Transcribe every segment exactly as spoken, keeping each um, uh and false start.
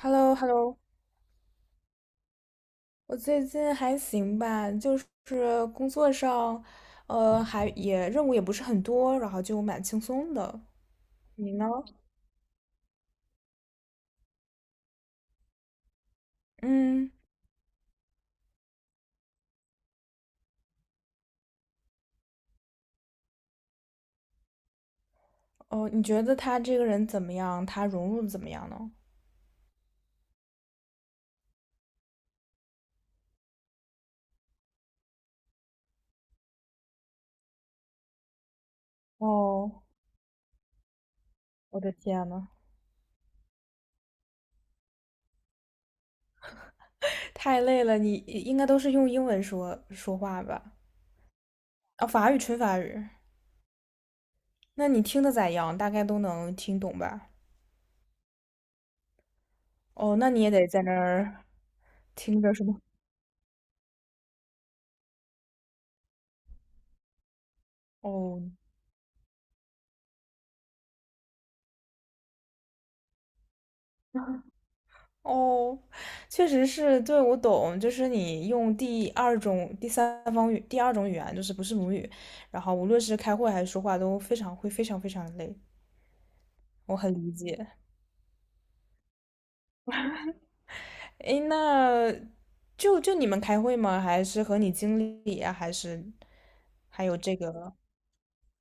h e l l o h e l l o 我最近还行吧，就是工作上，呃，还也任务也不是很多，然后就蛮轻松的。你呢？嗯，哦，你觉得他这个人怎么样？他融入的怎么样呢？哦，我的天呐，太累了，你应该都是用英文说说话吧？啊、法语纯法语，那你听的咋样？大概都能听懂吧？哦，那你也得在那儿听着是吗？哦，哦，确实是，对，我懂，就是你用第二种、第三方语、第二种语言，就是不是母语，然后无论是开会还是说话，都非常会非常非常累，我很理解。诶，那就就你们开会吗？还是和你经理啊？还是还有这个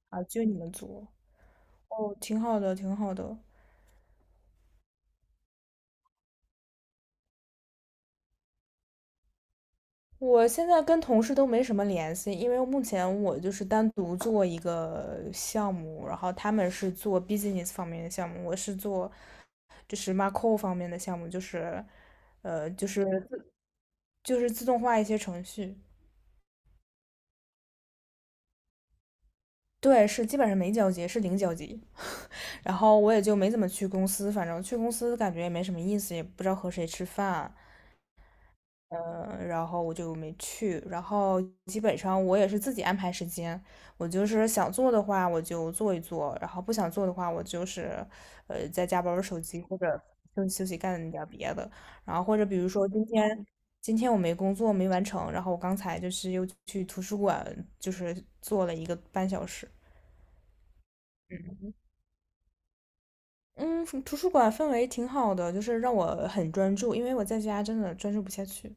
啊？就你们组？哦，挺好的，挺好的。我现在跟同事都没什么联系，因为目前我就是单独做一个项目，然后他们是做 business 方面的项目，我是做就是 macro 方面的项目，就是呃就是自就是自动化一些程序。对，是基本上没交集，是零交集。然后我也就没怎么去公司，反正去公司感觉也没什么意思，也不知道和谁吃饭。嗯，然后我就没去。然后基本上我也是自己安排时间，我就是想做的话我就做一做，然后不想做的话我就是呃在家玩玩手机或者休息休息干点儿别的。然后或者比如说今天今天我没工作没完成，然后我刚才就是又去图书馆就是做了一个半小时。嗯，图书馆氛围挺好的，就是让我很专注，因为我在家真的专注不下去。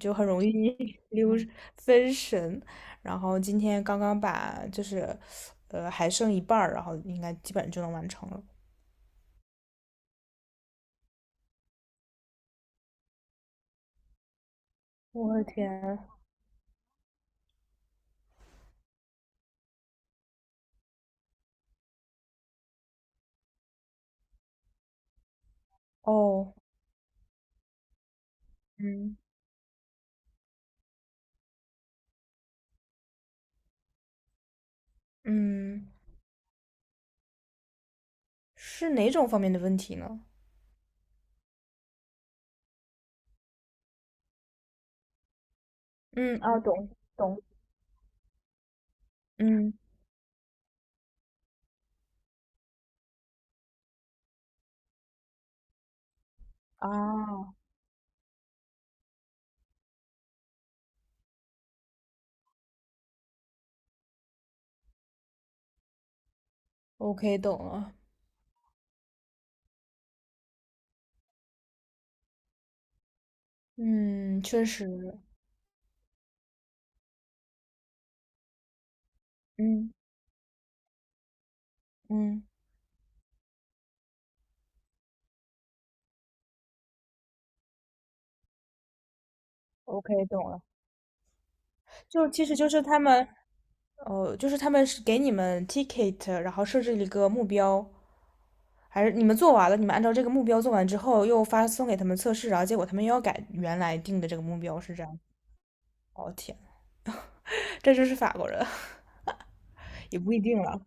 就很容易 溜分神。然后今天刚刚把就是，呃，还剩一半儿，然后应该基本就能完成了。我的天，哦，嗯嗯，是哪种方面的问题呢？嗯啊，懂懂，嗯啊，OK，懂了。嗯，确实，嗯嗯，OK，懂了。就其实就是他们哦，就是他们是给你们 ticket，然后设置一个目标，还是你们做完了，你们按照这个目标做完之后，又发送给他们测试，然后结果他们又要改原来定的这个目标，是这样？哦天，这就是法国人，也不一定了。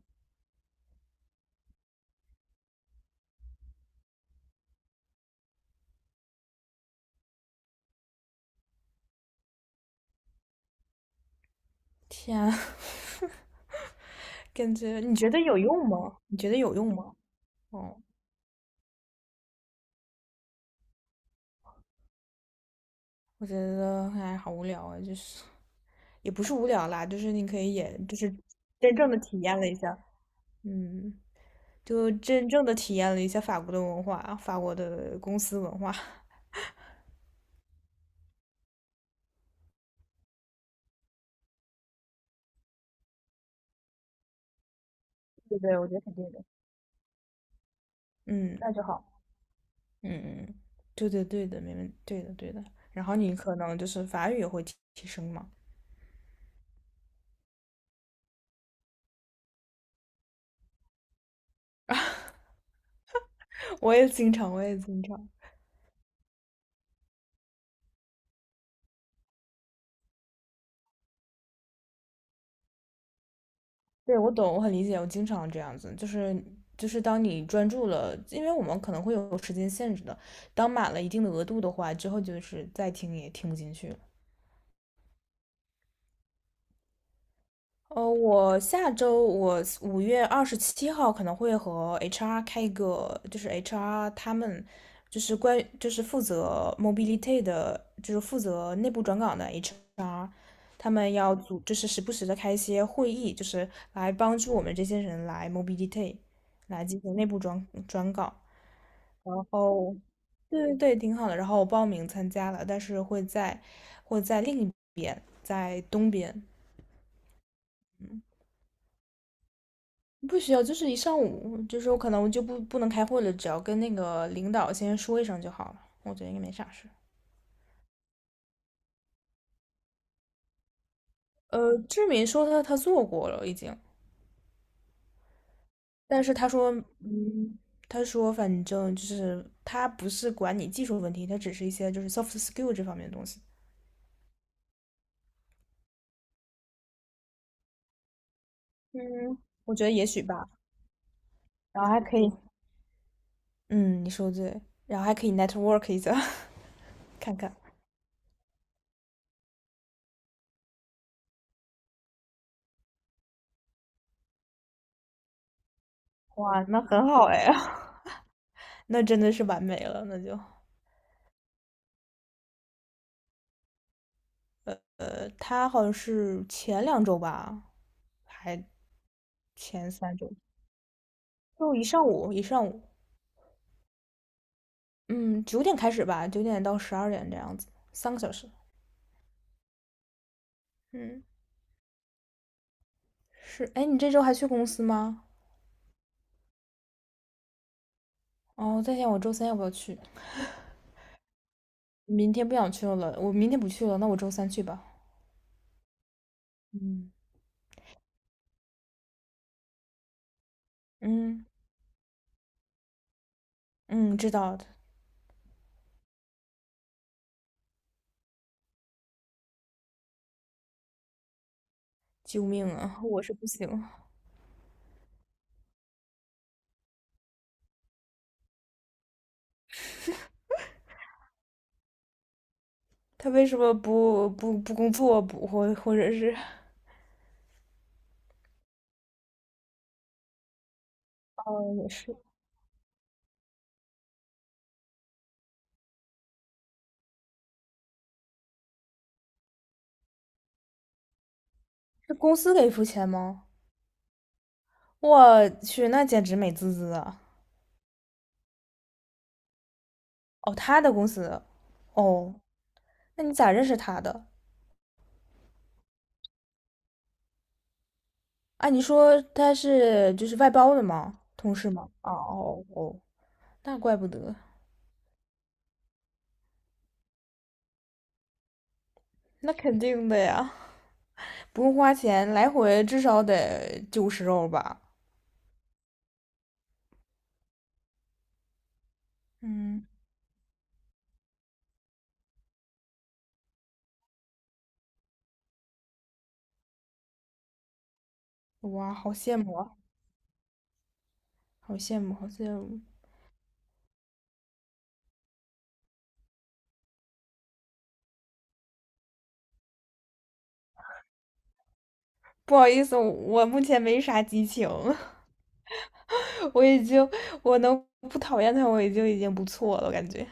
天啊 感觉你觉得有用吗？你觉得有用吗？哦，我觉得哎，好无聊啊，就是也不是无聊啦，就是你可以也就是真正的体验了一下。嗯，就真正的体验了一下法国的文化，法国的公司文化。对对，我觉得肯定的，嗯那就好。嗯嗯，对对对的，没问对的对的。然后你可能就是法语也会提提升嘛，我也经常，我也经常。对，我懂，我很理解，我经常这样子，就是就是当你专注了，因为我们可能会有时间限制的，当满了一定的额度的话，之后就是再听也听不进去了。呃，我下周我五月二十七号可能会和 H R 开一个，就是 H R 他们就是关于就是负责 mobility 的，就是负责内部转岗的 H R，他们要组就是时不时的开一些会议，就是来帮助我们这些人来 mobility，来进行内部转转岗。然后，对对对，挺好的。然后我报名参加了，但是会在会在另一在东边。嗯，不需要，就是一上午，就是我可能就不不能开会了，只要跟那个领导先说一声就好了。我觉得应该没啥事。呃，志敏说他他做过了已经，但是他说，嗯，他说反正就是他不是管你技术问题，他只是一些就是 soft skill 这方面的东西。嗯，我觉得也许吧。然后还可以，嗯，你说对，然后还可以 network 一下，看看。哇，那很好哎，那真的是完美了，那就。呃，他好像是前两周吧，还前三周，就一上午一上午，嗯，九点开始吧，九点到十二点这样子，三个小时。嗯，是，哎，你这周还去公司吗？哦，我在想我周三要不要去，明天不想去了，我明天不去了，那我周三去吧。嗯嗯嗯，知道的。救命啊！我是不行。他为什么不不不工作不或或者是？哦，也是，是公司给付钱吗？我去，那简直美滋滋啊！哦，他的公司，哦，那你咋认识他的？啊，你说他是就是外包的吗？同事吗？哦哦哦，那怪不得，那肯定的呀，不用花钱，来回至少得九十欧吧？嗯，哇，好羡慕啊，好羡慕，好羡慕。不好意思，我目前没啥激情，我已经我能不讨厌他，我已经已经不错了，我感觉。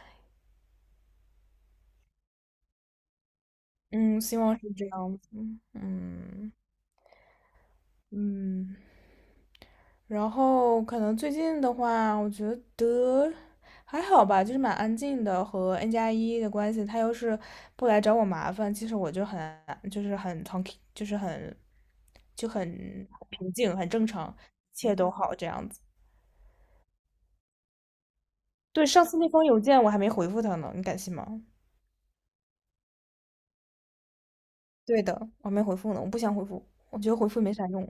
嗯，希望是这样子。嗯。嗯嗯，然后可能最近的话，我觉得还好吧，就是蛮安静的，和 N 加一的关系，他要是不来找我麻烦，其实我就很就是很 t a 就是很就很平静，很正常，一切都好这样子。对，上次那封邮件我还没回复他呢，你敢信吗？对的，我还没回复呢，我不想回复，我觉得回复没啥用。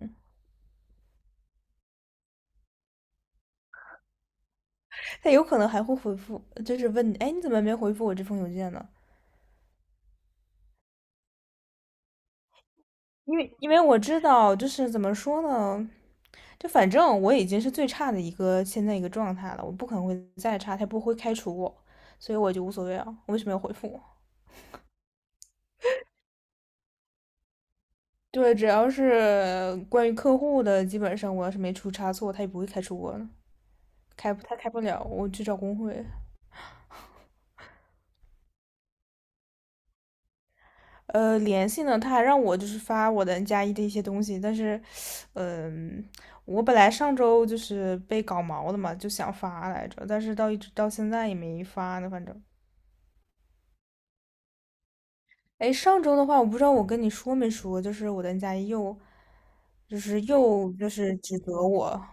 他有可能还会回复，就是问你，哎，你怎么没回复我这封邮件呢？因为因为我知道，就是怎么说呢，就反正我已经是最差的一个现在一个状态了，我不可能会再差，他也不会开除我，所以我就无所谓啊，我为什么要回复对，只要是关于客户的，基本上我要是没出差错，他也不会开除我的，开他开不了，我去找工会。呃，联系呢，他还让我就是发我的 N 加一的一些东西，但是，嗯、我本来上周就是被搞毛的嘛，就想发来着，但是到一直到现在也没发呢，反正哎，上周的话，我不知道我跟你说没说，就是我的 N 加一又，就是又就是指责我，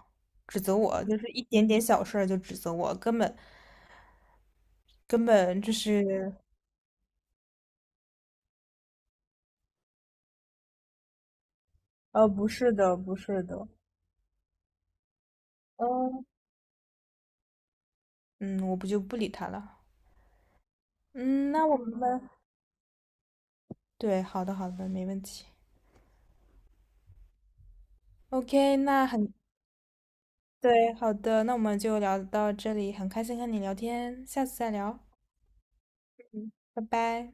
指责我，就是一点点小事儿就指责我，根本根本就是，呃，不是的，不是的，嗯嗯，我不就不理他了。嗯，那我们对，好的好的，没问题。OK，那很对，好的，那我们就聊到这里，很开心和你聊天，下次再聊，拜拜。